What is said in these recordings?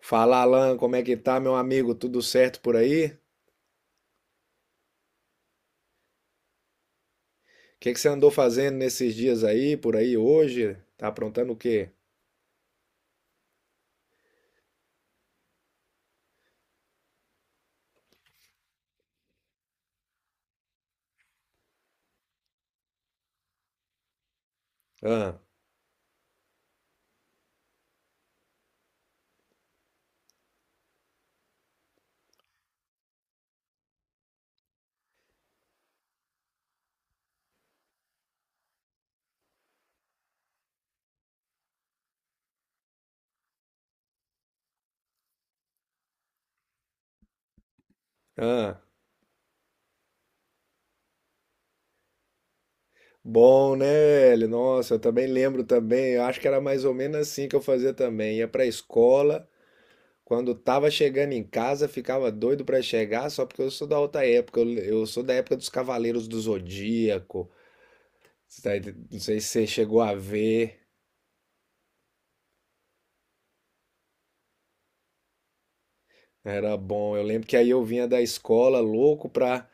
Fala, Alan, como é que tá, meu amigo? Tudo certo por aí? O que que você andou fazendo nesses dias aí, por aí hoje? Tá aprontando o quê? Ah, ah. Bom, né, velho? Nossa, eu também lembro também. Eu acho que era mais ou menos assim que eu fazia também. Ia pra escola, quando tava chegando em casa, ficava doido pra chegar, só porque eu sou da outra época. Eu sou da época dos Cavaleiros do Zodíaco. Você tá não sei se você chegou a ver. Era bom. Eu lembro que aí eu vinha da escola louco pra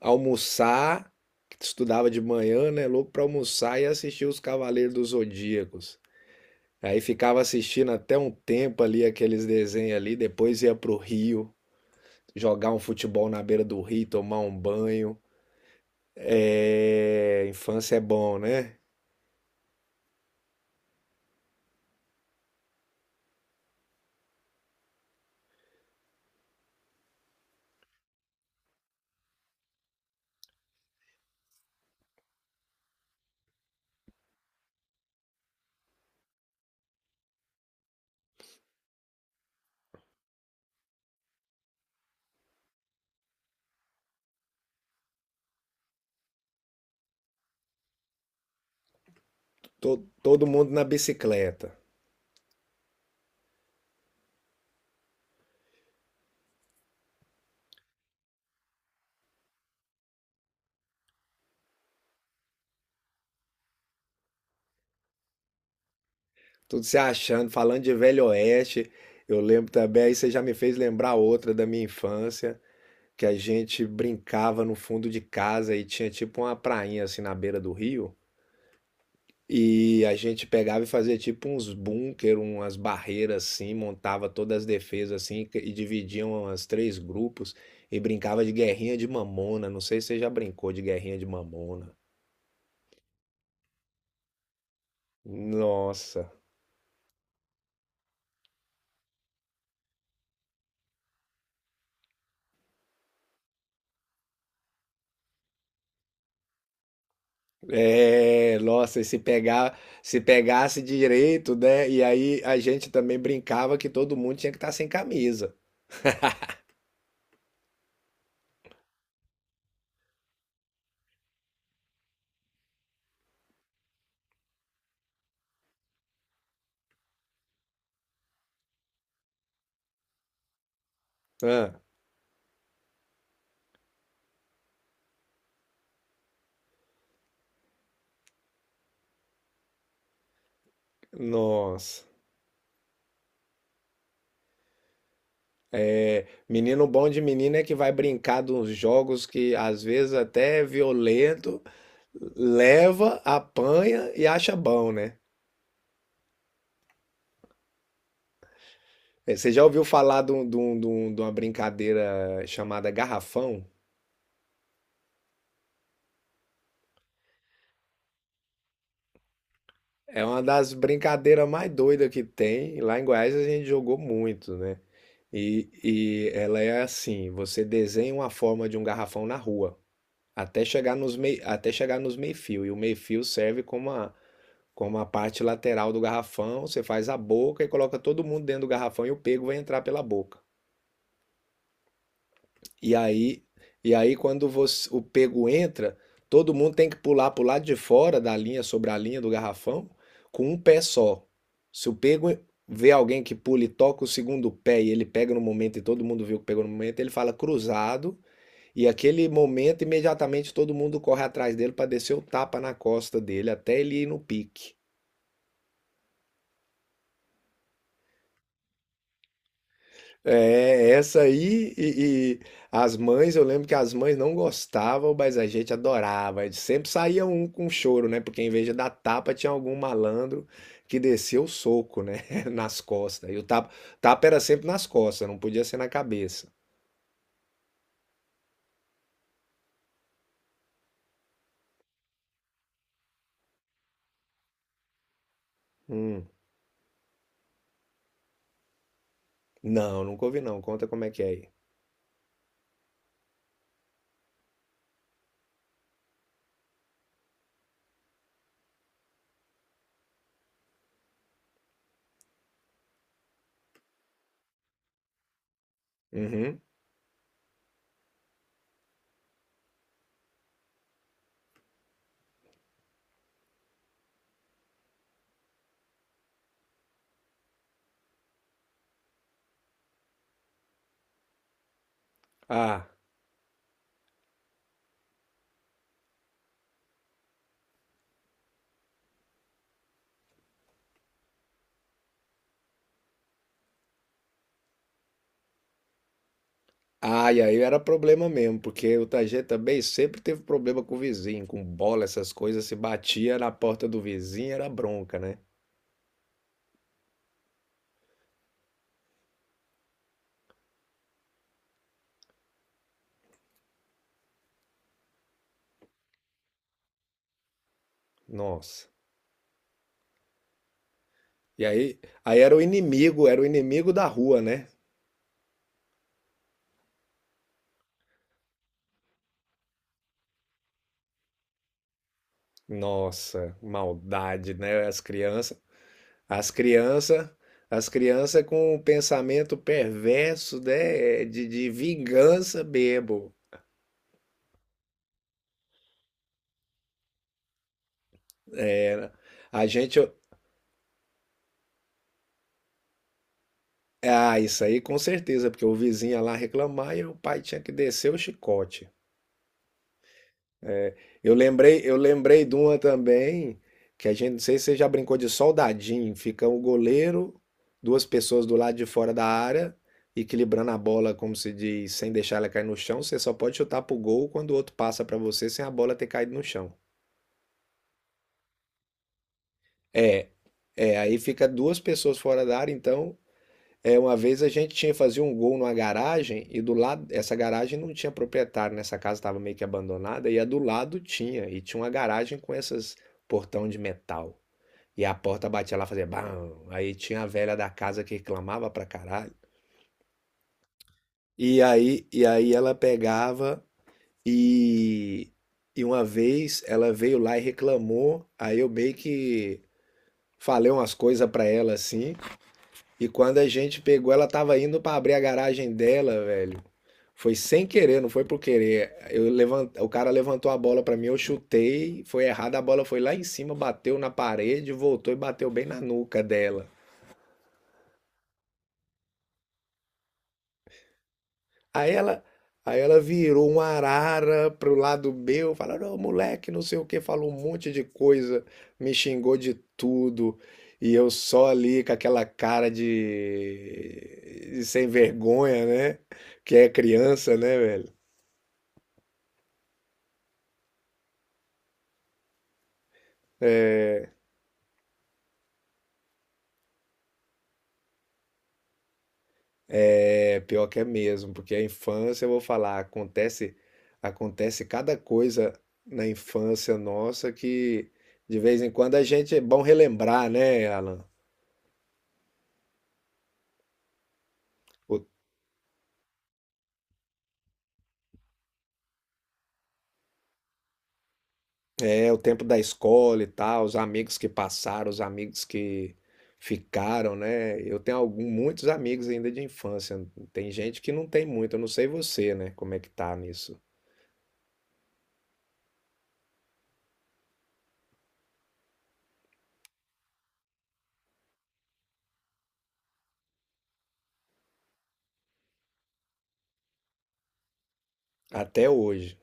almoçar, que estudava de manhã, né? Louco para almoçar e assistir os Cavaleiros dos Zodíacos. Aí ficava assistindo até um tempo ali aqueles desenhos ali, depois ia pro Rio, jogar um futebol na beira do rio, tomar um banho. É, infância é bom, né? Todo mundo na bicicleta, tudo se achando, falando de Velho Oeste. Eu lembro também, aí você já me fez lembrar outra da minha infância. Que a gente brincava no fundo de casa e tinha tipo uma prainha assim na beira do rio. E a gente pegava e fazia tipo uns bunker, umas barreiras assim, montava todas as defesas assim e dividiam as três grupos e brincava de guerrinha de mamona. Não sei se você já brincou de guerrinha de mamona. Nossa, é, nossa, e se pegar, se pegasse direito, né? E aí a gente também brincava que todo mundo tinha que estar sem camisa. Ah, nossa. Menino bom de menina é que vai brincar de uns jogos que às vezes até é violento, leva, apanha e acha bom, né? Você já ouviu falar de uma brincadeira chamada garrafão? É uma das brincadeiras mais doidas que tem. Lá em Goiás a gente jogou muito, né? E ela é assim: você desenha uma forma de um garrafão na rua, até chegar nos meio, até chegar nos meio-fio. E o meio-fio serve como a. Como a parte lateral do garrafão, você faz a boca e coloca todo mundo dentro do garrafão e o pego vai entrar pela boca. E aí, e aí quando o pego entra, todo mundo tem que pular para o lado de fora da linha, sobre a linha do garrafão, com um pé só. Se o pego vê alguém que pula e toca o segundo pé e ele pega no momento e todo mundo viu que pegou no momento, ele fala cruzado. E aquele momento, imediatamente todo mundo corre atrás dele para descer o tapa na costa dele até ele ir no pique. É, essa aí e as mães, eu lembro que as mães não gostavam, mas a gente adorava. Sempre saía um com choro, né? Porque em vez de dar tapa, tinha algum malandro que descia o soco, né? Nas costas. E o tapa, tapa era sempre nas costas, não podia ser na cabeça. Hum. Não, nunca ouvi não. Conta como é que é aí. Uhum. Ah. Ah, e aí era problema mesmo, porque o Tajeta também sempre teve problema com o vizinho, com bola, essas coisas, se batia na porta do vizinho, era bronca, né? Nossa. E aí, aí era o inimigo da rua, né? Nossa, maldade, né? As crianças, as crianças, as crianças com o pensamento perverso, né? De vingança bebo. É, a gente, ah, isso aí com certeza, porque o vizinho ia lá reclamar e o pai tinha que descer o chicote. Eu lembrei de uma também, que a gente, não sei se você já brincou de soldadinho, fica o goleiro, duas pessoas do lado de fora da área, equilibrando a bola, como se diz, sem deixar ela cair no chão, você só pode chutar pro gol quando o outro passa pra você sem a bola ter caído no chão. É, é, aí fica duas pessoas fora da área, então, é, uma vez a gente tinha fazer um gol numa garagem e do lado, essa garagem não tinha proprietário, nessa casa estava meio que abandonada e a do lado tinha, e tinha uma garagem com esses portão de metal. E a porta batia lá, fazia bam. Aí tinha a velha da casa que reclamava pra caralho. E aí ela pegava e, e uma vez ela veio lá e reclamou. Aí eu meio que falei umas coisas pra ela assim. E quando a gente pegou, ela tava indo pra abrir a garagem dela, velho. Foi sem querer, não foi por querer. Eu o cara levantou a bola pra mim, eu chutei, foi errado, a bola foi lá em cima, bateu na parede, voltou e bateu bem na nuca dela. Aí ela, aí ela virou uma arara pro lado meu, falando, "Ô, moleque, não sei o que", falou um monte de coisa, me xingou de tudo. E eu só ali com aquela cara de sem vergonha, né? Que é criança, né, velho? É pior que é mesmo, porque a infância, eu vou falar, acontece, acontece cada coisa na infância nossa que de vez em quando a gente é bom relembrar, né, Alan? É o tempo da escola e tal, os amigos que passaram, os amigos que ficaram, né? Eu tenho algum, muitos amigos ainda de infância. Tem gente que não tem muito, eu não sei você, né? Como é que tá nisso? Até hoje.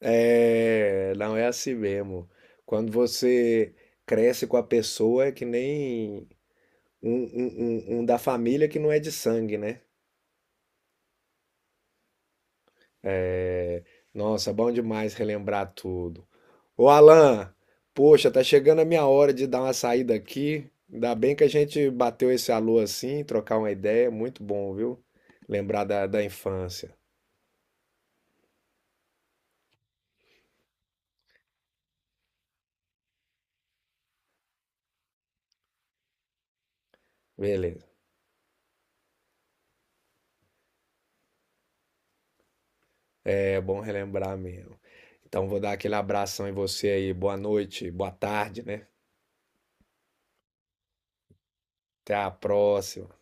É, não é assim mesmo. Quando você cresce com a pessoa, é que nem um, um da família que não é de sangue, né? Nossa, bom demais relembrar tudo. Ô Alan, poxa, tá chegando a minha hora de dar uma saída aqui. Ainda bem que a gente bateu esse alô assim, trocar uma ideia, muito bom, viu? Lembrar da infância. Beleza, é bom relembrar mesmo. Então vou dar aquele abração em você aí. Boa noite, boa tarde, né? Até a próxima.